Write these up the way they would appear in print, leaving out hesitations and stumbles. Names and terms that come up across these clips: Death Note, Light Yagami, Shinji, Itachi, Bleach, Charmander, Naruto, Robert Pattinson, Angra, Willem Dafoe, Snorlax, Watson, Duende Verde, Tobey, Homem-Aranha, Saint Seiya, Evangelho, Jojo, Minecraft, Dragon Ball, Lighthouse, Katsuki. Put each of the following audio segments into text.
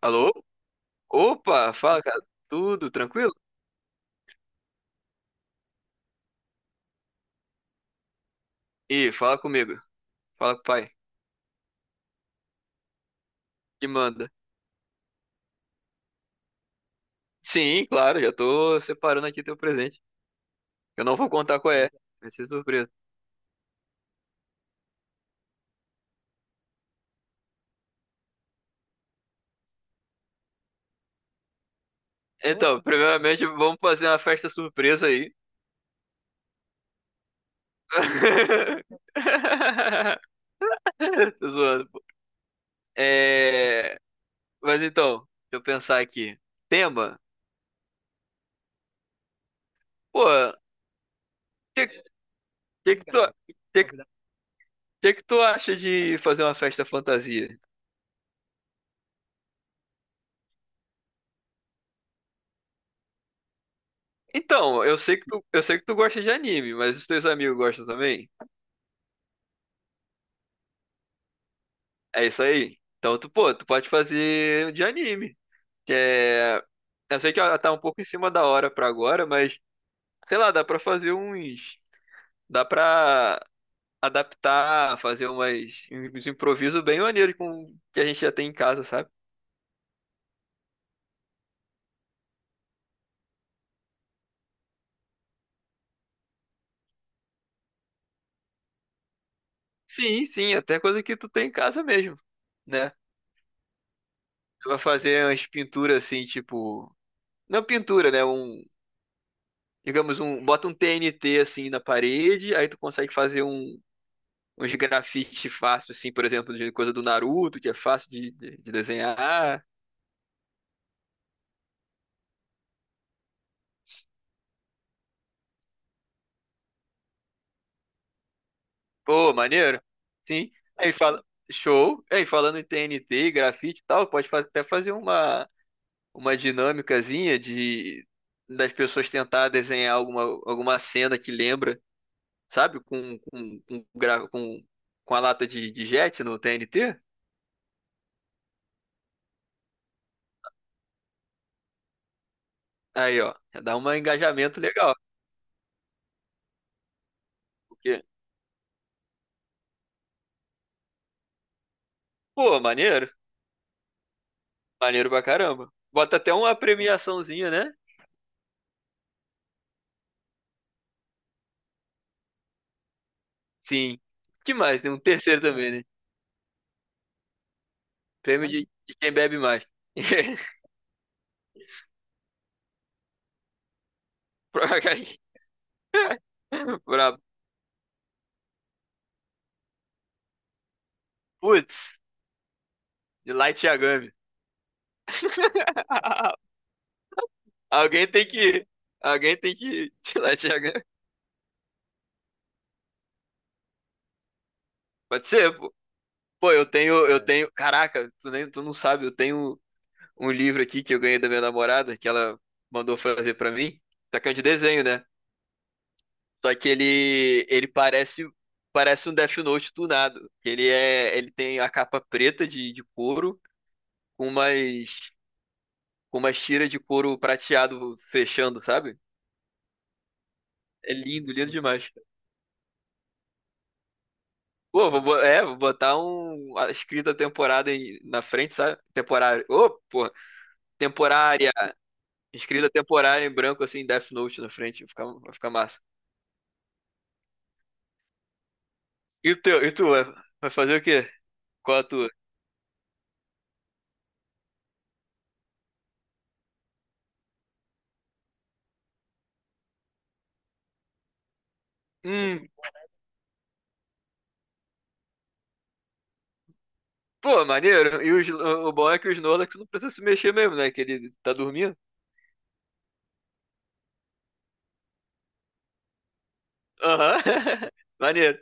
Alô? Opa, fala, cara. Tudo tranquilo? Ih, fala comigo. Fala com o pai. Que manda. Sim, claro, já tô separando aqui teu presente. Eu não vou contar qual é. Vai ser surpresa. Então, primeiramente, vamos fazer uma festa surpresa aí. Tô zoando, pô. É... Mas então, deixa eu pensar aqui. Tema? Pô, que, que, que, tu, que, que tu acha de fazer uma festa fantasia? Então, eu sei que tu gosta de anime, mas os teus amigos gostam também? É isso aí. Então, tu pode fazer de anime. Que é... Eu sei que ela tá um pouco em cima da hora pra agora, mas, sei lá, dá pra adaptar, fazer uns improvisos bem maneiros com que a gente já tem em casa, sabe? Sim, sim, até coisa que tu tem em casa mesmo, né? Tu vai fazer umas pinturas assim, tipo. Não pintura, né? Digamos, bota um TNT assim na parede, aí tu consegue fazer uns grafite fácil, assim, por exemplo, de coisa do Naruto, que é fácil de desenhar. Pô, maneiro. Sim. Aí fala, show. Aí falando em TNT, grafite e tal, até fazer uma dinâmicazinha de das pessoas tentar desenhar alguma cena que lembra, sabe? Com com a lata de jet no TNT. Aí, ó, dá um engajamento legal. Pô, maneiro. Maneiro pra caramba. Bota até uma premiaçãozinha, né? Sim. Que mais? Tem um terceiro também, né? Prêmio de quem bebe mais. Pra... pra... Putz, de Light Yagami. Alguém tem que. Alguém tem que tirar Tiago. Pode ser, pô. Pô, eu tenho, eu tenho. Caraca, tu não sabe, eu tenho um livro aqui que eu ganhei da minha namorada, que ela mandou fazer pra mim. Só que é de desenho, né? Só que ele parece um Death Note tunado. Ele tem a capa preta de couro com umas, com umas tiras de couro prateado fechando, sabe? É lindo, lindo demais. Pô, vou botar um a escrita temporada na frente, sabe? Temporária. Ô, pô, temporária. Escrita temporária em branco assim, Death Note na frente, vai ficar massa. E tu, vai fazer o quê? Qual a tua? Hum. Pô, maneiro. E o bom é que o Snorlax não precisa se mexer mesmo, né? Que ele tá dormindo. Aham. Maneiro.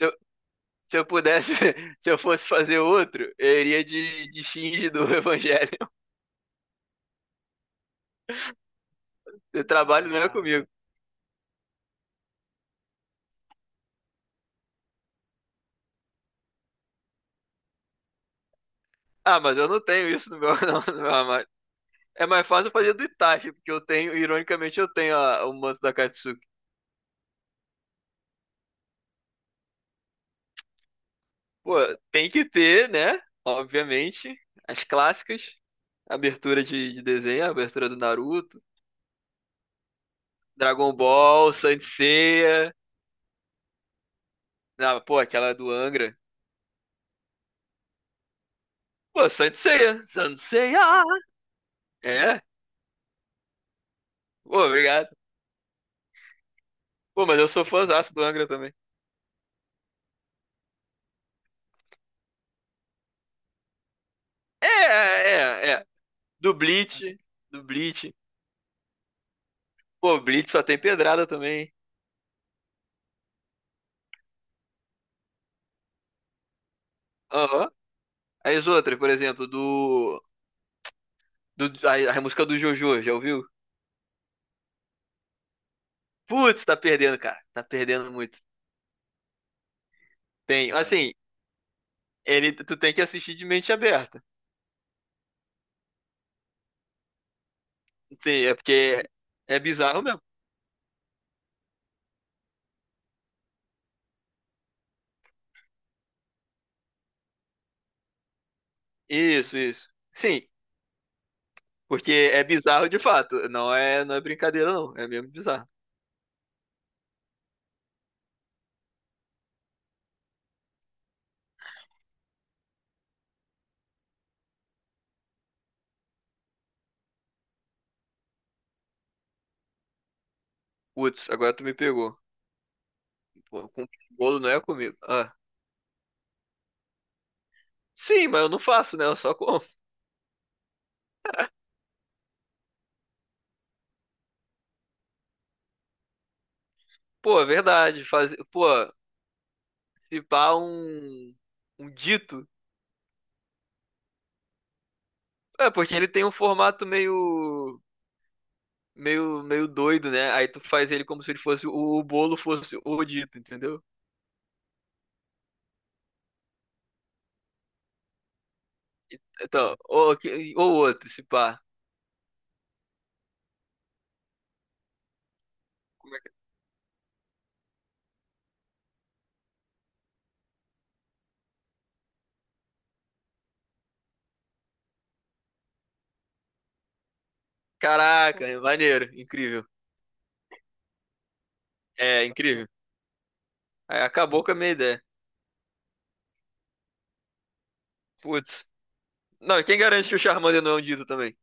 Se eu, Se eu pudesse, se eu fosse fazer outro, eu iria de Shinji do Evangelho. O trabalho não é Ah, comigo. Ah, mas eu não tenho isso no meu, não, no meu armário. É mais fácil eu fazer do Itachi, porque eu tenho, ironicamente, eu tenho o manto da Katsuki. Pô, tem que ter, né? Obviamente, as clássicas. Abertura de desenho, abertura do Naruto, Dragon Ball, Saint Seiya. Não, pô, aquela do Angra. Pô, Sanseia, Sanseia. É? Pô, obrigado. Pô, mas eu sou fãzaço do Angra também. É, é, é. Do Bleach, do Bleach. Pô, Bleach só tem pedrada também. Aham. Aí as outras, por exemplo, a música do Jojo, já ouviu? Putz, tá perdendo, cara. Tá perdendo muito. Tem, assim, tu tem que assistir de mente aberta. É porque é bizarro mesmo. Isso, isso. Sim, porque é bizarro de fato. Não é, não é brincadeira, não. É mesmo bizarro. Putz, agora tu me pegou. Pô, com bolo não é comigo. Ah. Sim, mas eu não faço, né? Eu só como. Pô, é verdade. Pô, se pá um dito. É, porque ele tem um formato meio, meio doido, né? Aí tu faz ele como se ele fosse o bolo fosse o dito, entendeu? Então, ou outro, se pá. Como é que- Caraca, é maneiro, incrível. É, incrível. Aí acabou com a minha ideia. Putz. Não, e quem garante que o Charmander não é um Dito também?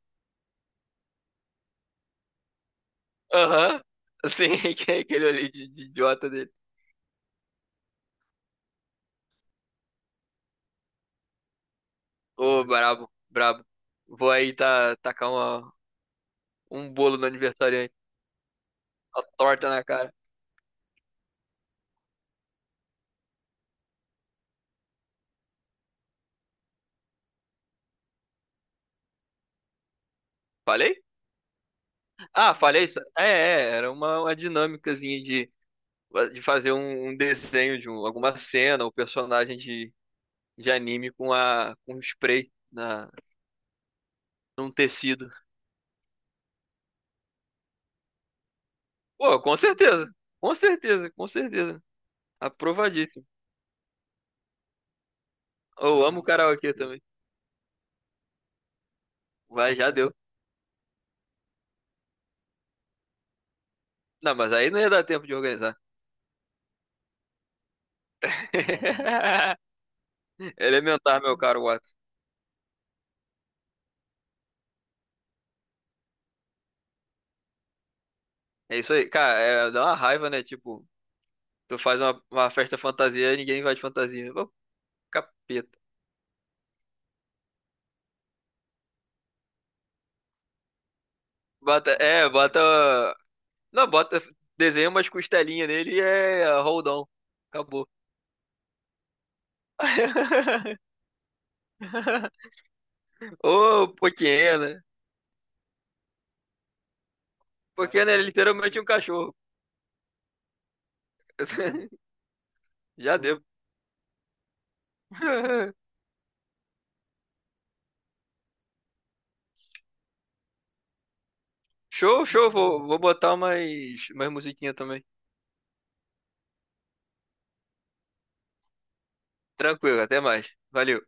Aham. Sim, que é aquele ali de idiota dele. Ô, brabo, brabo. Vou aí tá, tacar um bolo no aniversariante. Uma torta na cara. Falei? Ah, falei isso. Era uma dinâmicazinha de fazer um desenho alguma cena ou personagem de anime com um spray num tecido. Pô, com certeza. Com certeza, com certeza. Aprovadíssimo. Eu amo karaokê também. Vai, já deu. Não, mas aí não ia dar tempo de organizar. Elementar, meu caro Watson. É isso aí. Cara, é, dá uma raiva, né? Tipo, tu faz uma festa fantasia e ninguém vai de fantasia. Ô, capeta. Bota, é, bota. Não, bota. Desenha umas costelinhas nele e é hold on. Acabou. Ô, Poquiena. Poquiena é literalmente um cachorro. Já deu. Show, show. Vou botar umas musiquinhas também. Tranquilo, até mais. Valeu.